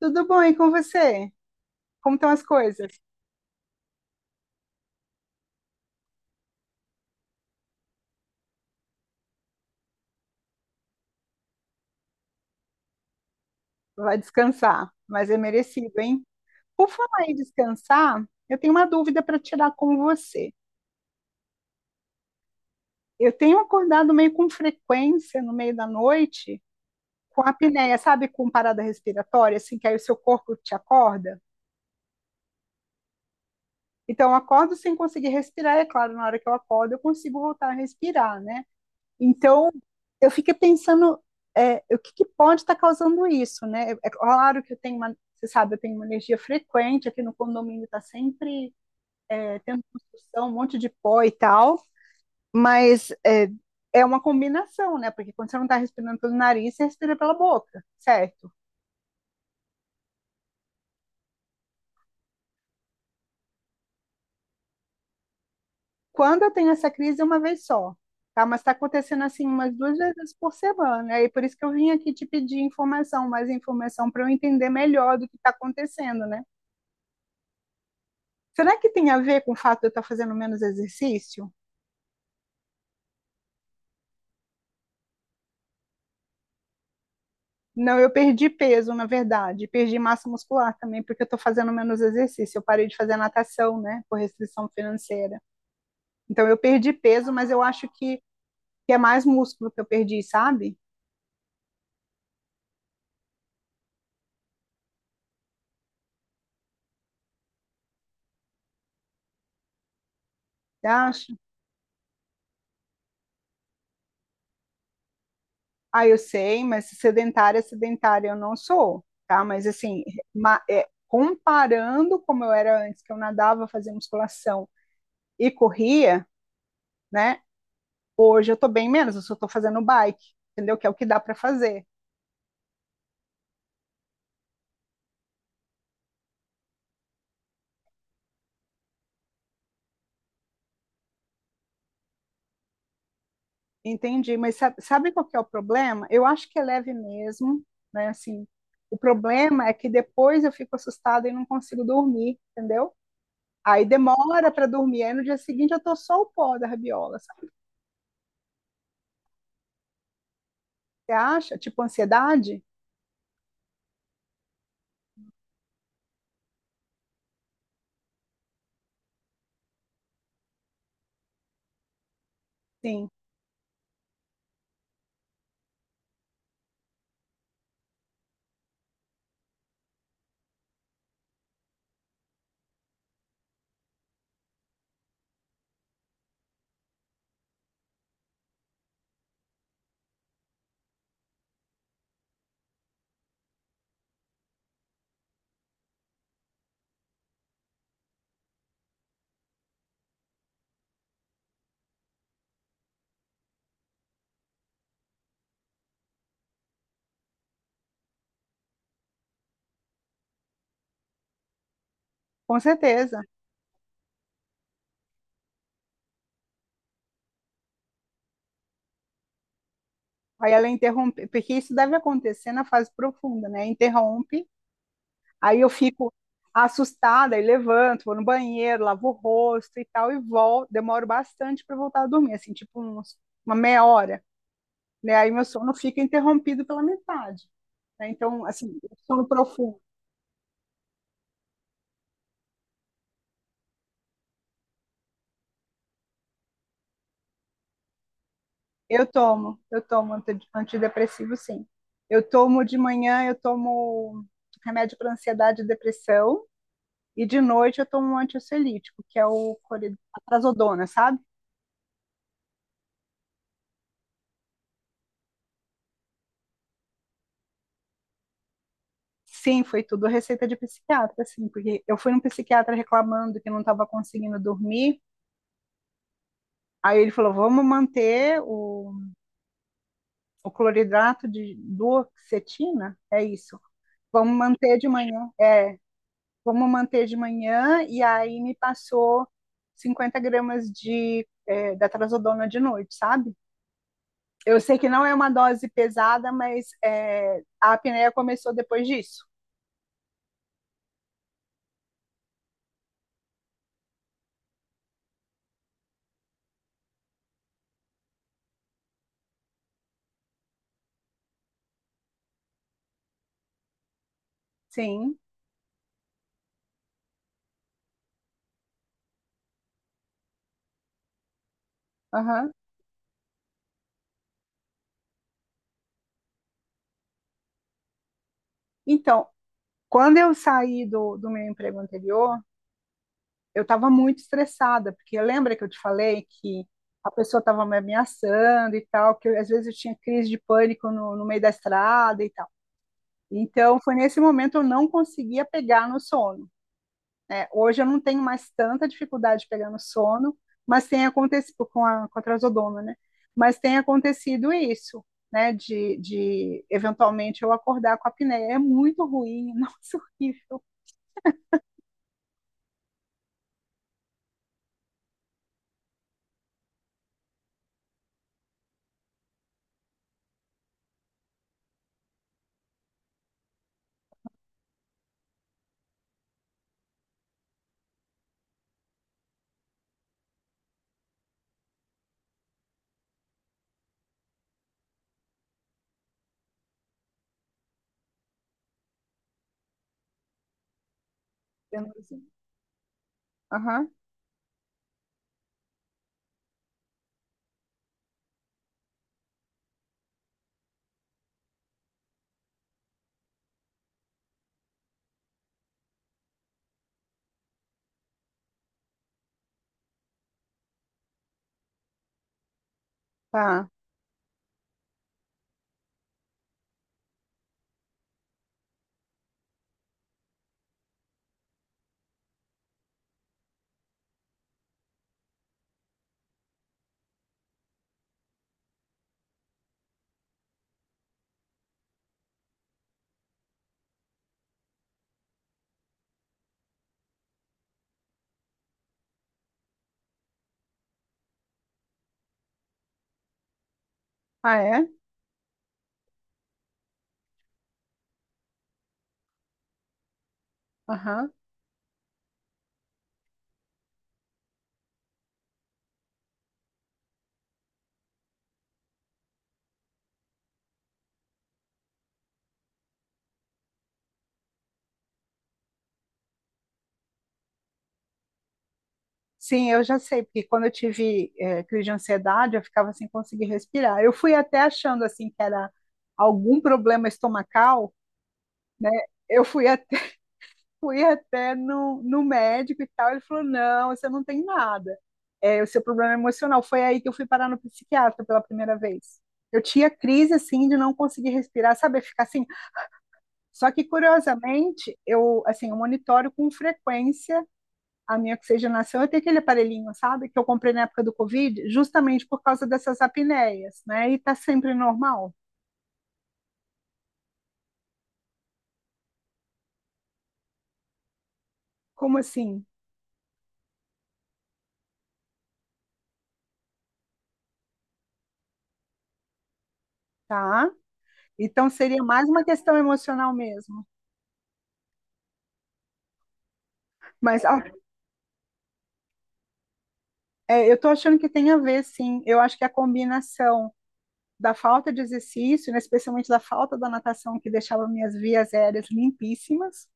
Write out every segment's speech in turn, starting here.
Tudo bom, e com você? Como estão as coisas? Vai descansar, mas é merecido, hein? Por falar em descansar, eu tenho uma dúvida para tirar com você. Eu tenho acordado meio com frequência no meio da noite com apneia, sabe, com parada respiratória, assim que aí o seu corpo te acorda. Então, eu acordo sem conseguir respirar, é claro, na hora que eu acordo eu consigo voltar a respirar, né? Então, eu fiquei pensando, o que, que pode estar causando isso, né? É claro que eu tenho uma, você sabe, eu tenho uma energia frequente aqui no condomínio, está sempre tendo construção, um monte de pó e tal, mas é, é uma combinação, né? Porque quando você não está respirando pelo nariz, você respira pela boca, certo? Quando eu tenho essa crise, é uma vez só, tá? Mas está acontecendo assim umas duas vezes por semana, aí por isso que eu vim aqui te pedir informação, mais informação para eu entender melhor do que está acontecendo, né? Será que tem a ver com o fato de eu estar fazendo menos exercício? Não, eu perdi peso, na verdade, perdi massa muscular também, porque eu estou fazendo menos exercício. Eu parei de fazer natação, né, por restrição financeira. Então, eu perdi peso, mas eu acho que é mais músculo que eu perdi, sabe? Você acha? Ah, eu sei, mas sedentária, é sedentária eu não sou, tá? Mas, assim, é, comparando como eu era antes, que eu nadava, fazia musculação e corria, né? Hoje eu tô bem menos, eu só tô fazendo bike, entendeu? Que é o que dá para fazer. Entendi, mas sabe, sabe qual que é o problema? Eu acho que é leve mesmo, né? Assim, o problema é que depois eu fico assustada e não consigo dormir, entendeu? Aí demora para dormir, aí no dia seguinte eu tô só o pó da rabiola, sabe? Você acha? Tipo ansiedade? Sim, com certeza. Aí ela interrompe, porque isso deve acontecer na fase profunda, né? Interrompe. Aí eu fico assustada e levanto, vou no banheiro, lavo o rosto e tal, e volto. Demoro bastante para voltar a dormir, assim, uma meia hora. Né? Aí meu sono fica interrompido pela metade. Né? Então, assim, sono profundo. Eu tomo antidepressivo, sim. Eu tomo de manhã, eu tomo remédio para ansiedade e depressão, e de noite eu tomo um antiocelítico, que é a trazodona, sabe? Sim, foi tudo receita de psiquiatra, assim, porque eu fui num psiquiatra reclamando que não estava conseguindo dormir. Aí ele falou: vamos manter o cloridrato de duoxetina, é isso. Vamos manter de manhã. É, vamos manter de manhã. E aí me passou 50 gramas da trazodona de noite, sabe? Eu sei que não é uma dose pesada, mas é, a apneia começou depois disso. Sim, aham. Então, quando eu saí do meu emprego anterior, eu estava muito estressada, porque lembra que eu te falei que a pessoa estava me ameaçando e tal, que eu, às vezes eu tinha crise de pânico no meio da estrada e tal. Então, foi nesse momento eu não conseguia pegar no sono. Né? Hoje eu não tenho mais tanta dificuldade de pegar no sono, mas tem acontecido com a trazodona, né? Mas tem acontecido isso, né? De eventualmente eu acordar com a apneia. É muito ruim, nossa, horrível. Aham, tá. Ah, é? Aham. Sim, eu já sei, porque quando eu tive crise de ansiedade, eu ficava sem conseguir respirar. Eu fui até achando, assim, que era algum problema estomacal, né? Eu fui até, fui até no médico e tal, ele falou, não, você não tem nada. É, o seu problema é emocional. Foi aí que eu fui parar no psiquiatra pela primeira vez. Eu tinha crise, assim, de não conseguir respirar, sabe? Ficar assim... Só que, curiosamente, eu, assim, eu monitoro com frequência a minha oxigenação, eu tenho aquele aparelhinho, sabe, que eu comprei na época do Covid, justamente por causa dessas apneias, né? E tá sempre normal. Como assim? Tá? Então seria mais uma questão emocional mesmo. Mas ó, é, eu tô achando que tem a ver, sim. Eu acho que a combinação da falta de exercício, né, especialmente da falta da natação, que deixava minhas vias aéreas limpíssimas,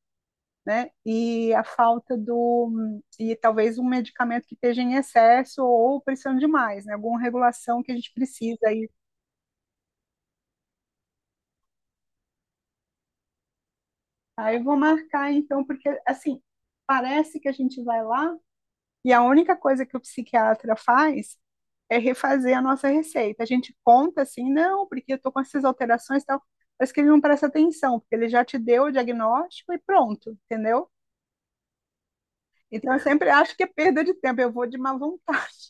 né? E a falta do e talvez um medicamento que esteja em excesso ou precisando demais, né? Alguma regulação que a gente precisa aí. Tá, eu vou marcar então, porque assim, parece que a gente vai lá e a única coisa que o psiquiatra faz é refazer a nossa receita. A gente conta assim, não, porque eu tô com essas alterações e tal, mas que ele não presta atenção, porque ele já te deu o diagnóstico e pronto, entendeu? Então eu sempre acho que é perda de tempo, eu vou de má vontade,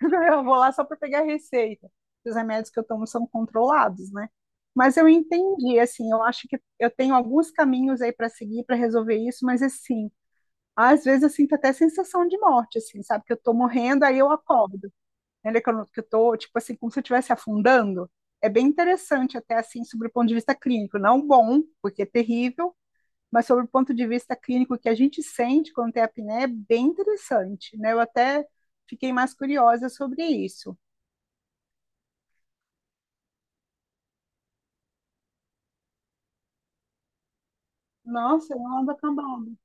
eu vou lá só para pegar a receita. Os remédios que eu tomo são controlados, né? Mas eu entendi, assim, eu acho que eu tenho alguns caminhos aí para seguir para resolver isso, mas assim, às vezes eu sinto até sensação de morte, assim, sabe? Que eu tô morrendo, aí eu acordo. Né? que eu, não- que eu tô, tipo assim, como se eu estivesse afundando? É bem interessante, até assim, sobre o ponto de vista clínico. Não bom, porque é terrível, mas sobre o ponto de vista clínico que a gente sente quando tem apneia, é bem interessante, né? Eu até fiquei mais curiosa sobre isso. Nossa, eu não ando acabando.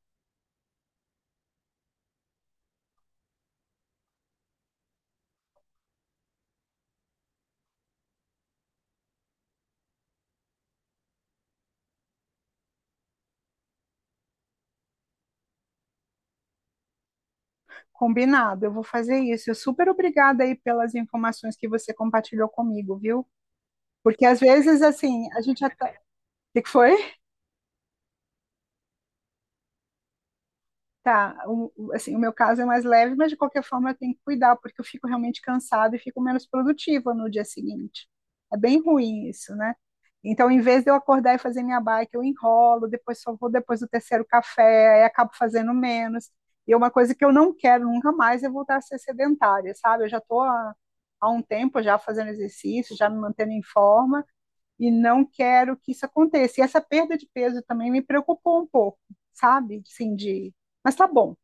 Combinado, eu vou fazer isso. Eu super obrigada aí pelas informações que você compartilhou comigo, viu? Porque às vezes, assim, a gente até. O que que foi? Tá, assim, o meu caso é mais leve, mas de qualquer forma eu tenho que cuidar, porque eu fico realmente cansada e fico menos produtiva no dia seguinte. É bem ruim isso, né? Então, em vez de eu acordar e fazer minha bike, eu enrolo, depois só vou depois do terceiro café, aí acabo fazendo menos. E é uma coisa que eu não quero nunca mais é voltar a ser sedentária, sabe? Eu já estou há, há um tempo já fazendo exercício, já me mantendo em forma, e não quero que isso aconteça. E essa perda de peso também me preocupou um pouco, sabe? Assim, de... Mas tá bom,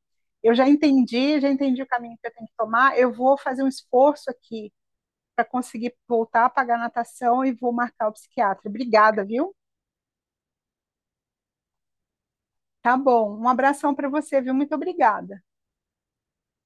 eu já entendi o caminho que eu tenho que tomar, eu vou fazer um esforço aqui para conseguir voltar a pagar a natação e vou marcar o psiquiatra. Obrigada, viu? Tá bom, um abração para você, viu? Muito obrigada.